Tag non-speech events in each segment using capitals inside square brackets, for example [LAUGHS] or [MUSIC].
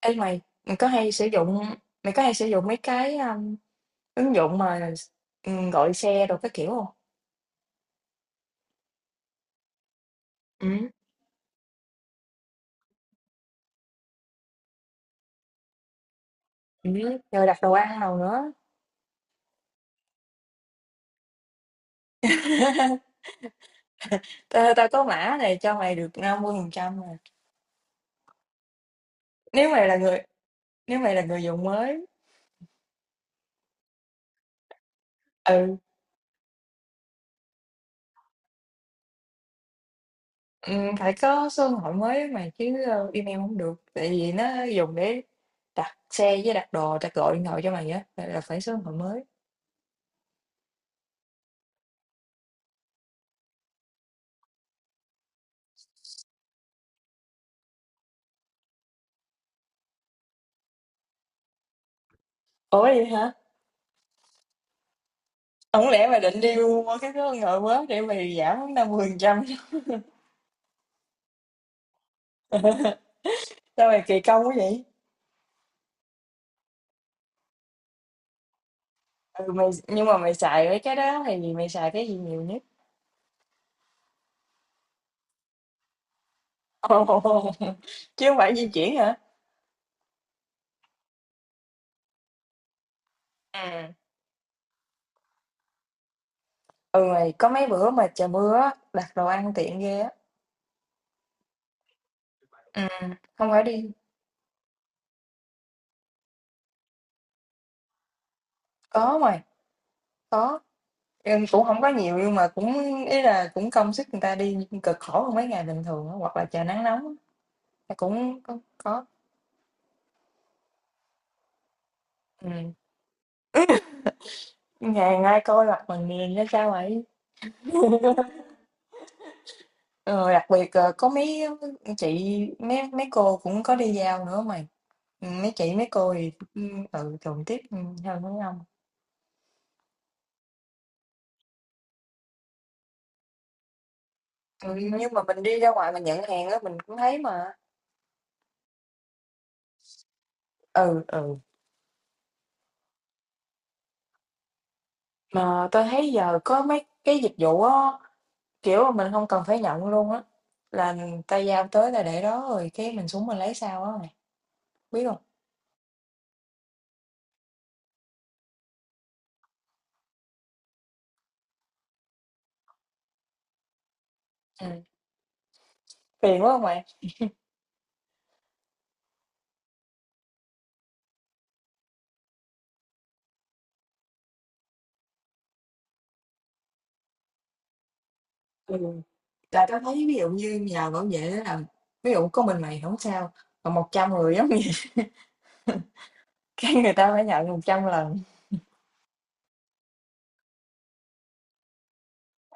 Ê mày, mày có hay sử dụng mày có hay sử dụng mấy cái ứng dụng mà gọi xe đồ các kiểu không? Ừ. Ừ. Rồi đặt đồ ăn nào nữa. [LAUGHS] Tao có mã này cho mày được 50% mà. Nếu mày là người nếu mày là người dùng mới, ừ, phải có số điện thoại mới mày chứ email không được. Tại vì nó dùng để đặt xe với đặt đồ, tao gọi điện thoại cho mày á là phải số điện thoại mới. Ủa vậy hả? Không lẽ mày định đi mua cái số điện thoại mới để mày giảm 50%. [LAUGHS] Sao mày kỳ công quá vậy? Ừ mày, nhưng mà mày xài với cái đó thì mày xài cái gì nhiều nhất? Ồ, [LAUGHS] chứ không phải di chuyển hả? Ừ. Ừ mày, có mấy bữa mà trời mưa á, đặt đồ ăn tiện ghê á. Ừ, không phải đi. Có mày, có. Nhưng cũng không có nhiều nhưng mà cũng ý là cũng công sức người ta đi cực khổ hơn mấy ngày bình thường á, hoặc là trời nắng nóng á, là cũng có, có. Ừ. Ngày ai coi mặt mình nhìn ra sao vậy? Ờ, Đặc biệt, có mấy chị, mấy mấy cô cũng có đi giao nữa mà. Mấy chị, mấy cô thì, thường tiếp, hơn mấy ông. Ừ, nhưng mà mình đi ra ngoài mình nhận hàng á, mình cũng thấy mà. Ừ, ừ. Mà tôi thấy giờ có mấy cái dịch vụ á, kiểu mà mình không cần phải nhận luôn á, là ta giao tới là để đó rồi cái mình xuống mình lấy sau á mày, biết không? Ừm, Phiền quá hông bạn? Ừ, là tao thấy ví dụ như nhờ bảo vệ á là ví dụ có mình mày không sao, còn trăm người giống như cái người ta phải nhận 100 lần,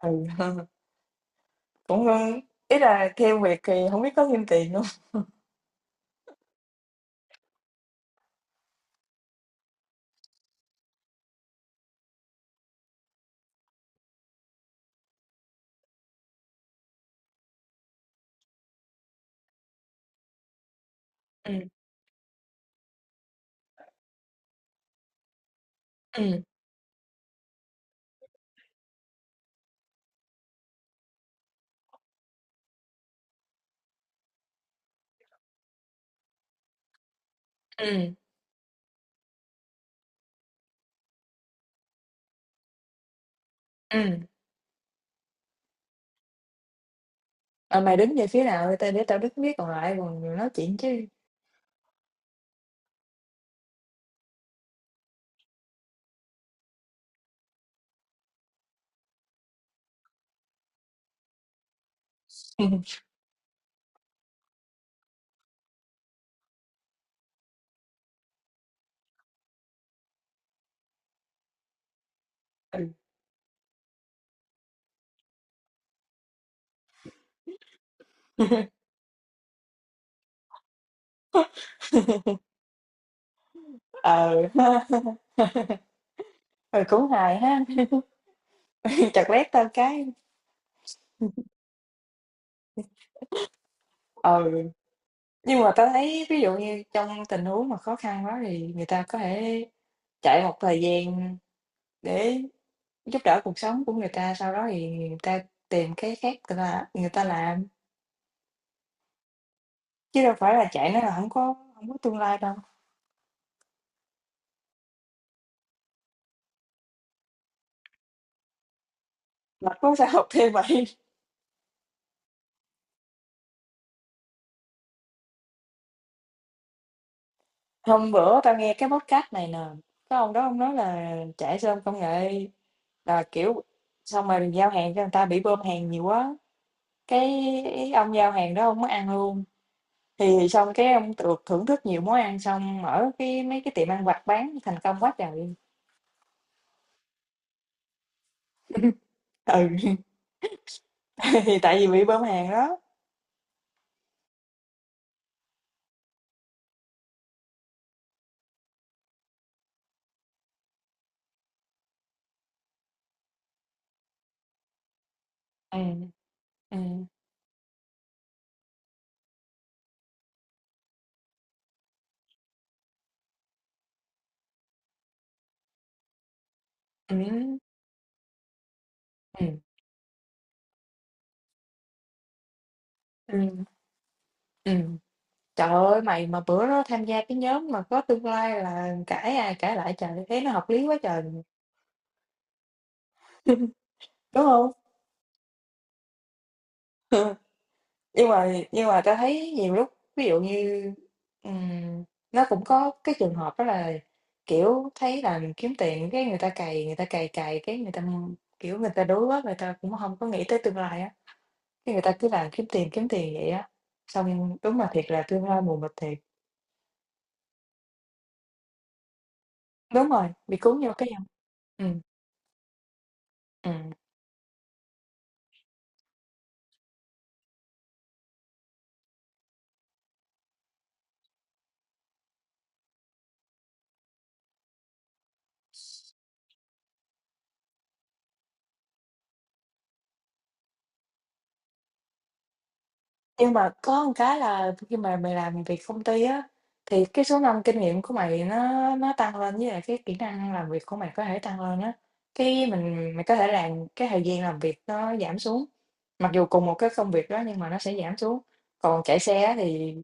ừ. [LAUGHS] Cũng, ý là theo việc thì hổng biết có thêm tiền hông? Ừm. Ừm. Ừm. Ừm. "Ờ, mày đứng về phía nào đi tao để tao biết biết, còn lại còn nói chuyện chứ." Ừ. [LAUGHS] Ờ, ha. Ừ, cũng hài ha, [LAUGHS] chợt lét tao cái ừ, nhưng mà tao thấy ví dụ như trong tình huống mà khó khăn quá thì người ta có thể chạy một thời gian để giúp đỡ cuộc sống của người ta, sau đó thì người ta tìm cái khác người ta làm, chứ đâu phải là chạy nói là hổng có tương lai đâu, mà có sao học thêm vậy. Hôm bữa tao nghe cái podcast này nè, cái ông đó ông nói là chạy xe ôm công nghệ là, kiểu, xong rồi giao hàng cho người ta bị bơm hàng nhiều quá, cái ông giao hàng đó ông mới ăn luôn. Thì xong cái ông được thưởng thức nhiều món ăn, xong mở mấy cái tiệm ăn vặt bán thành công quá trời. Ừ, [LAUGHS] thì tại vì bị bơm hàng đó. Ừm. Ừm. Ừm. Ừm. Ừm. Ừm. Trời ơi, mày mà bữa đó tham gia cái nhóm mà có tương lai là cãi ai cãi lại trời, thấy nó hợp lý quá trời, [LAUGHS] đúng không? [LAUGHS] Nhưng mà ta thấy nhiều lúc ví dụ như, ừm, nó cũng có cái trường hợp đó là, kiểu, thấy là mình kiếm tiền cái người ta cày cày cái người ta, kiểu, người ta đuối quá, người ta cũng không có nghĩ tới tương lai á, cái người ta cứ làm kiếm tiền vậy á. Xong đúng là thiệt là tương lai mù mịt thiệt. Đúng rồi, bị cuốn vô cái vòng ừm, ừm. Nhưng mà có một cái là khi mà mày làm việc công ty á, thì cái số năm kinh nghiệm của mày nó tăng lên với lại cái kỹ năng làm việc của mày có thể tăng lên á. Cái mình mày có thể làm cái thời gian làm việc nó giảm xuống. Mặc dù cùng một cái công việc đó nhưng mà nó sẽ giảm xuống. Còn chạy xe á thì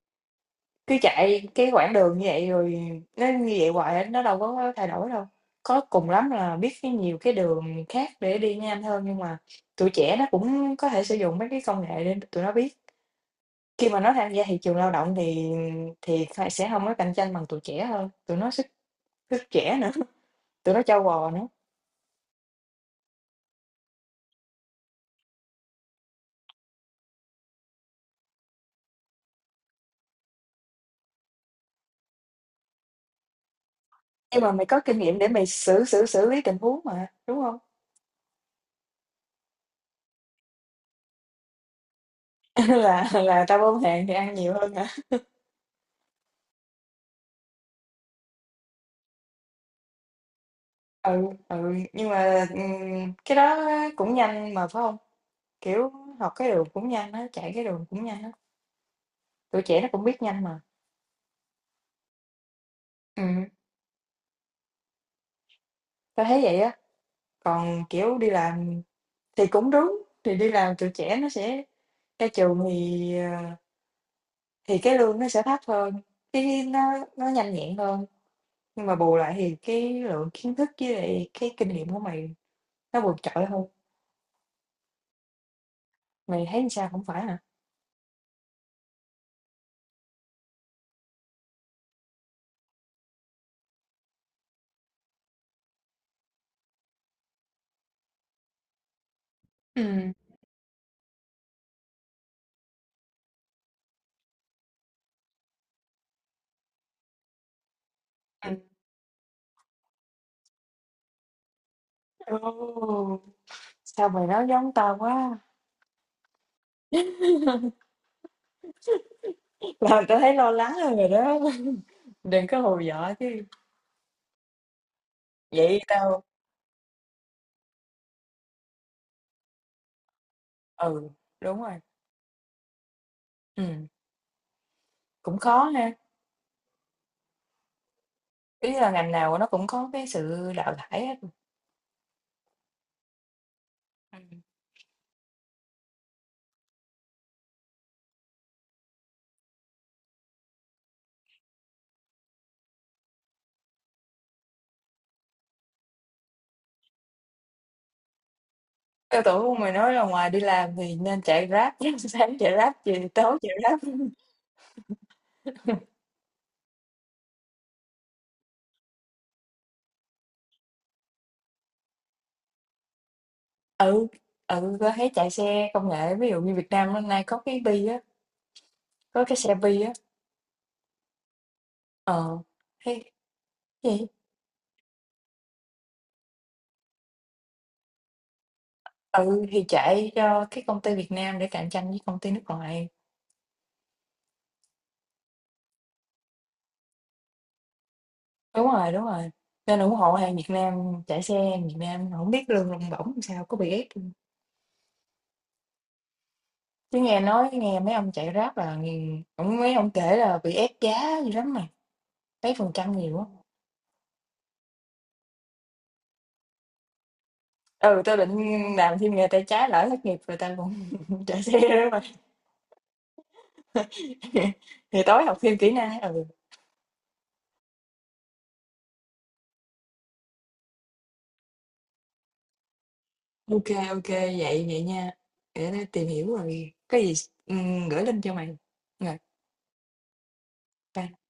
cứ chạy cái quãng đường như vậy rồi nó như vậy hoài á, nó đâu có thay đổi đâu. Có cùng lắm là biết cái nhiều cái đường khác để đi nhanh hơn nhưng mà tụi trẻ nó cũng có thể sử dụng mấy cái công nghệ để tụi nó biết. Khi mà nó tham gia thị trường lao động thì kh sẽ hông có cạnh tranh bằng tụi trẻ hơn, tụi nó sức sức trẻ nữa, [LAUGHS] tụi nó trâu bò nữa. Nhưng mà mày có kinh nghiệm để mày xử xử xử lý tình huống mà, đúng hông? [LAUGHS] Là tao ôm hàng thì ăn nhiều hơn hả? Ừ, ừ, nhưng mà, cái đó á cũng nhanh mà, phải hông? Kiểu, học cái đường cũng nhanh á, chạy cái đường cũng nhanh á, tụi trẻ nó cũng biết nhanh mà. Ừm, Tao thấy vậy á, còn, kiểu, đi làm thì cũng đúng, thì đi làm tụi trẻ nó sẽ ra trường thì, ờ Thì cái lương nó sẽ thấp hơn, cái nó nhanh nhẹn hơn, nhưng mà bù lại thì cái lượng kiến thức với lại cái kinh nghiệm của mày nó vượt trội hơn. Mày thấy sao, không phải hả? Ừm. Ừm. Ồ, sao mày nói giống tao quá, làm tao thấy lo lắng hơn rồi đó. [LAUGHS] Đừng có hù dọa chứ. Vậy tao ừ, đúng rồi, ừm, cũng khó ha, ý là ngành nào nó cũng có cái sự đào thải hết. Ừm, Tao tưởng mày nói là ngoài đi làm thì nên chạy Grab, [LAUGHS] sáng chạy Grab, chiều tối chạy Grab. Ừ, ừ, có thấy chạy xe công nghệ, ví dụ như Việt Nam hôm nay có cái Bi á, có cái xe Bi á, ờ, thấy gì? Ừ, thì chạy cho cái công ty Việt Nam để cạnh tranh với công ty nước ngoài. Đúng rồi, đúng rồi. Nên ủng hộ hàng Việt Nam, chạy xe hàng Việt Nam, không biết lương lông bổng làm sao, có bị ép không? Chứ nghe nói, nghe mấy ông chạy Grab là, cũng mấy ông kể là bị ép giá gì lắm mà, mấy phần trăm nhiều á. Ừ, tôi định làm thêm nghề tay trái lỡ thất nghiệp rồi tao cũng [LAUGHS] chạy xe đó mà. [LAUGHS] Thì tối học thêm kỹ năng, ừ. OK, OK, vậy vậy nha, để tao tìm hiểu rồi có gì, gửi link cho mày. Rồi, bye.